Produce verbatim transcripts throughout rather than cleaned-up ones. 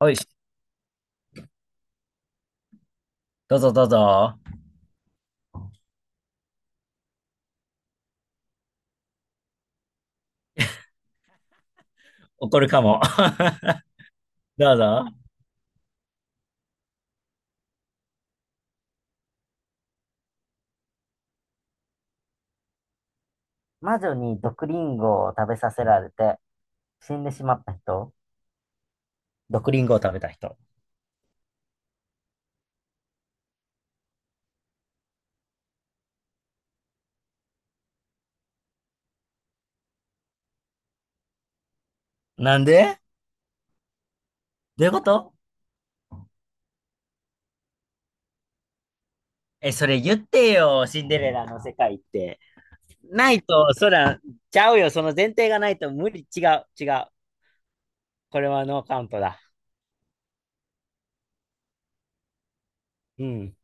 おいし、どうぞどうぞ。怒るかも。どうぞ。魔女に毒リンゴを食べさせられて死んでしまった人。毒リンゴを食べた人。なんで？どういうこと？え、それ言ってよ、シンデレラの世界って。ないと、そら、ちゃうよ、その前提がないと無理、違う、違う。これはノーカウントだ。うん。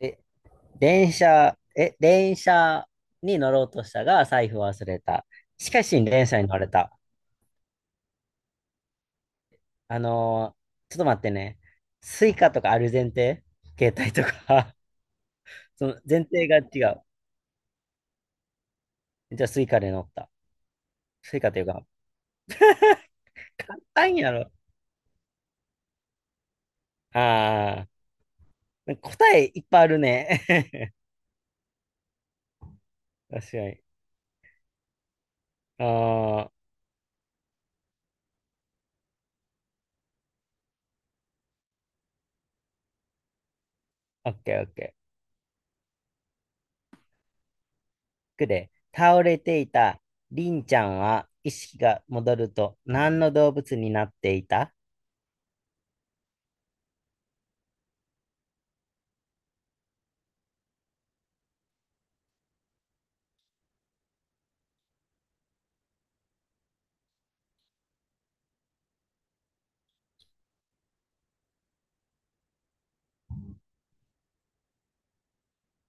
え、電車、え、電車に乗ろうとしたが、財布を忘れた。しかし、電車に乗れた。あのーちょっと待ってね。スイカとかある前提、携帯とか。 その前提が違う。じゃあスイカで乗った。スイカというか、簡単やろ。ああ、答えいっぱいあるね。確かに。ああ、オッケーオッケー。くで、倒れていたりんちゃんは意識が戻ると何の動物になっていた？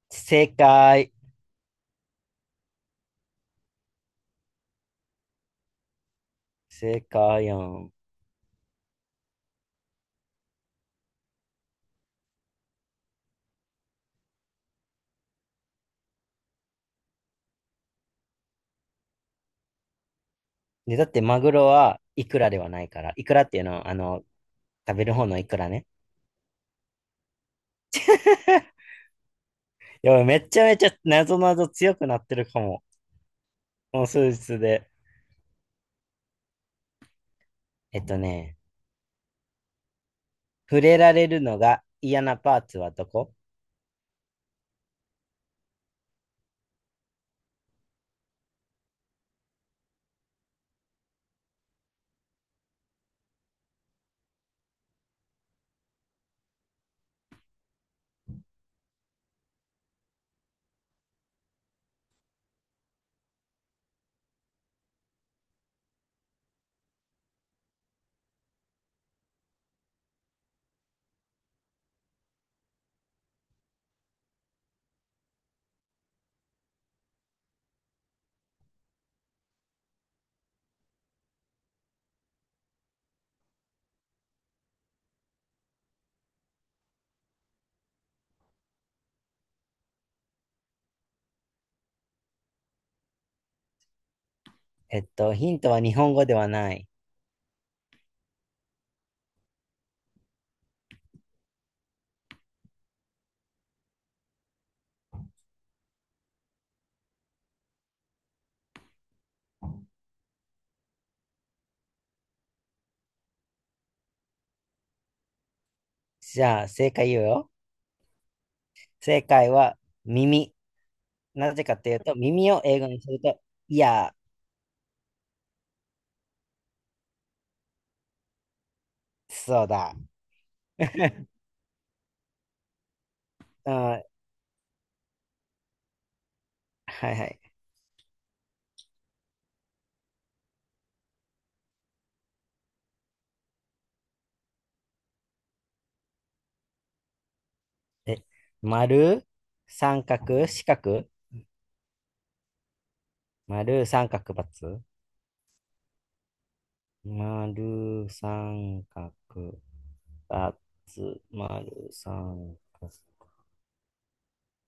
正解。正解やん。で、だってマグロはいくらではないから。いくらっていうのは、あの、食べる方のいくらね。やばい、めちゃめちゃ謎々強くなってるかも。この数日で。えっとね、触れられるのが嫌なパーツはどこ？えっと、ヒントは日本語ではない。じゃあ、正解言うよ。正解は耳。なぜかというと、耳を英語にすると、いや、そうだ。あ、はいはい。え、丸、三角、四角、丸、三角、×、丸、三角、二つ、丸、三角、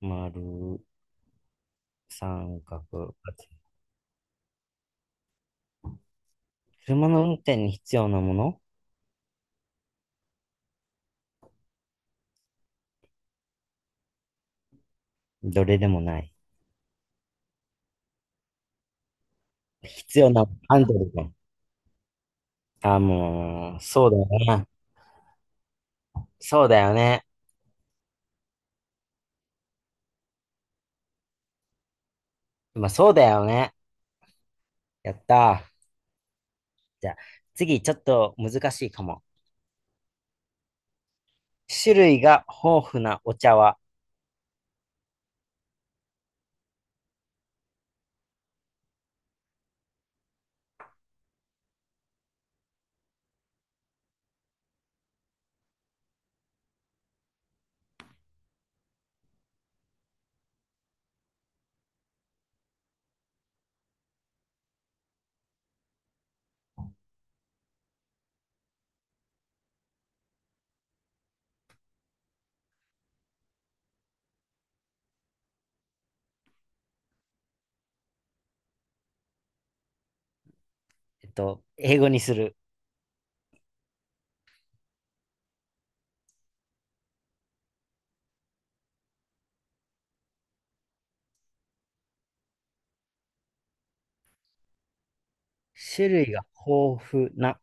丸、三角。車の運転に必要なもの。どれでもない。必要な、アンドルが。あ、もう、そうだよね。そうだよね。まあ、そうだよね。やったー。じゃあ、次、ちょっと難しいかも。種類が豊富なお茶は、えっと、英語にする。種類が豊富な、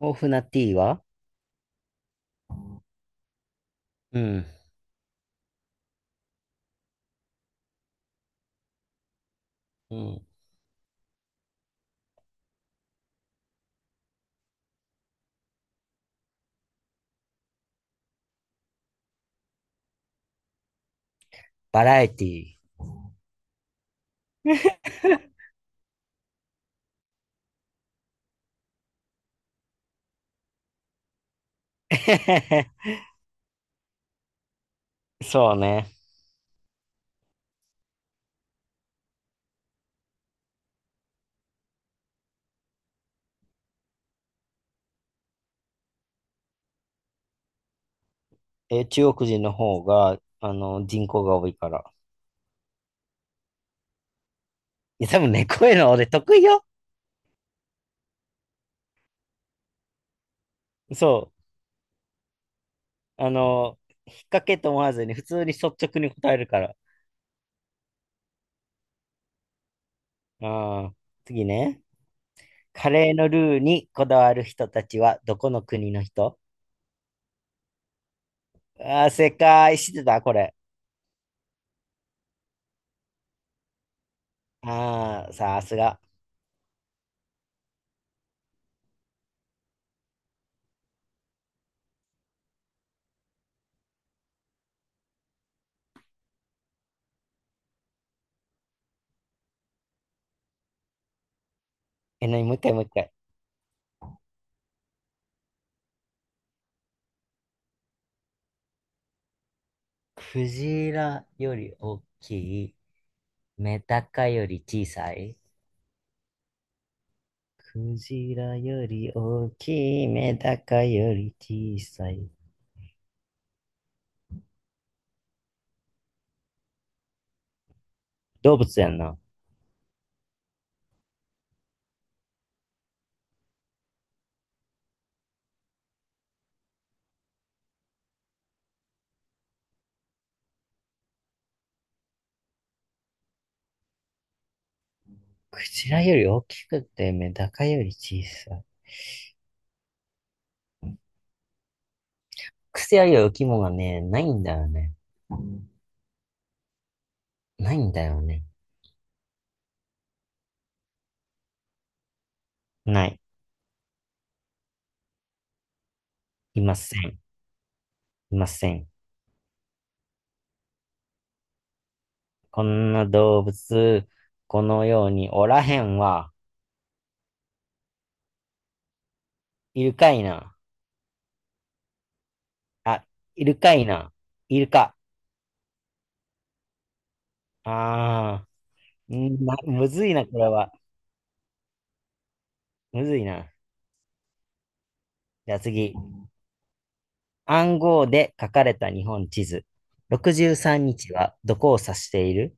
豊富なティーは？うん。うん。バラエティー。そうね。え中国人の方が、あの、人口が多いから。いや、多分ね、こういうの俺得意よ。そう。あの、引っ掛けと思わずに、普通に率直に答えるから。ああ、次ね。カレーのルーにこだわる人たちは、どこの国の人？ああー、正解知ってた、これ。ああ、さすが。え、なに、もう一回、もう一回。クジラより大きい、メダカより小さい。クジラより大きい、メダカより小さい。動物やんな。クジラより大きくて、メダカより小さい。クセある生き物がね、ないんだよね。ないんだよね。ない。いません。いません。こんな動物、このようにおらへんわ。いるかいな。あ、いるかいな。いるか。あー、んまむずいな、これは。むずいな。じゃあ次。暗号で書かれた日本地図。ろくじゅうさんにちはどこを指している？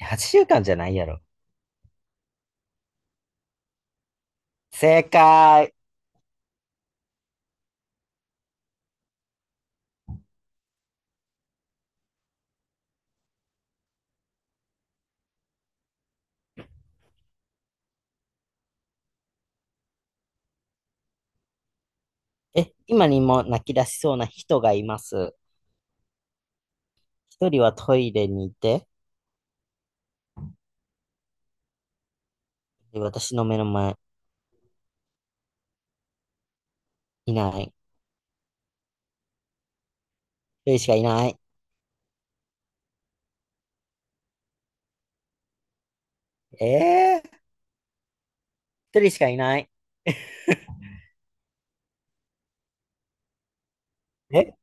はち 週間じゃないやろ。正解。え、今にも泣き出しそうな人がいます。一人はトイレにいて、私の目の前、いない。一人しかいない。えー、一人しかいない。え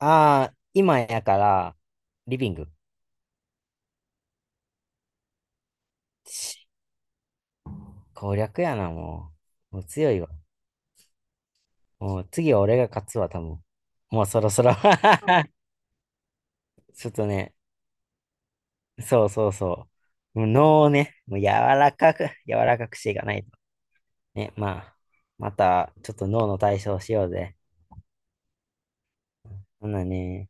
ああー、今やから、リビング。し攻略やな、もう。もう強いわ。もう次は俺が勝つわ、多分。もうそろそろ。 ちょっとね、そうそうそう。もう脳をね、もう柔らかく、柔らかくしていかないと。ね、まあ、また、ちょっと脳の体操しようぜ。ほんなね。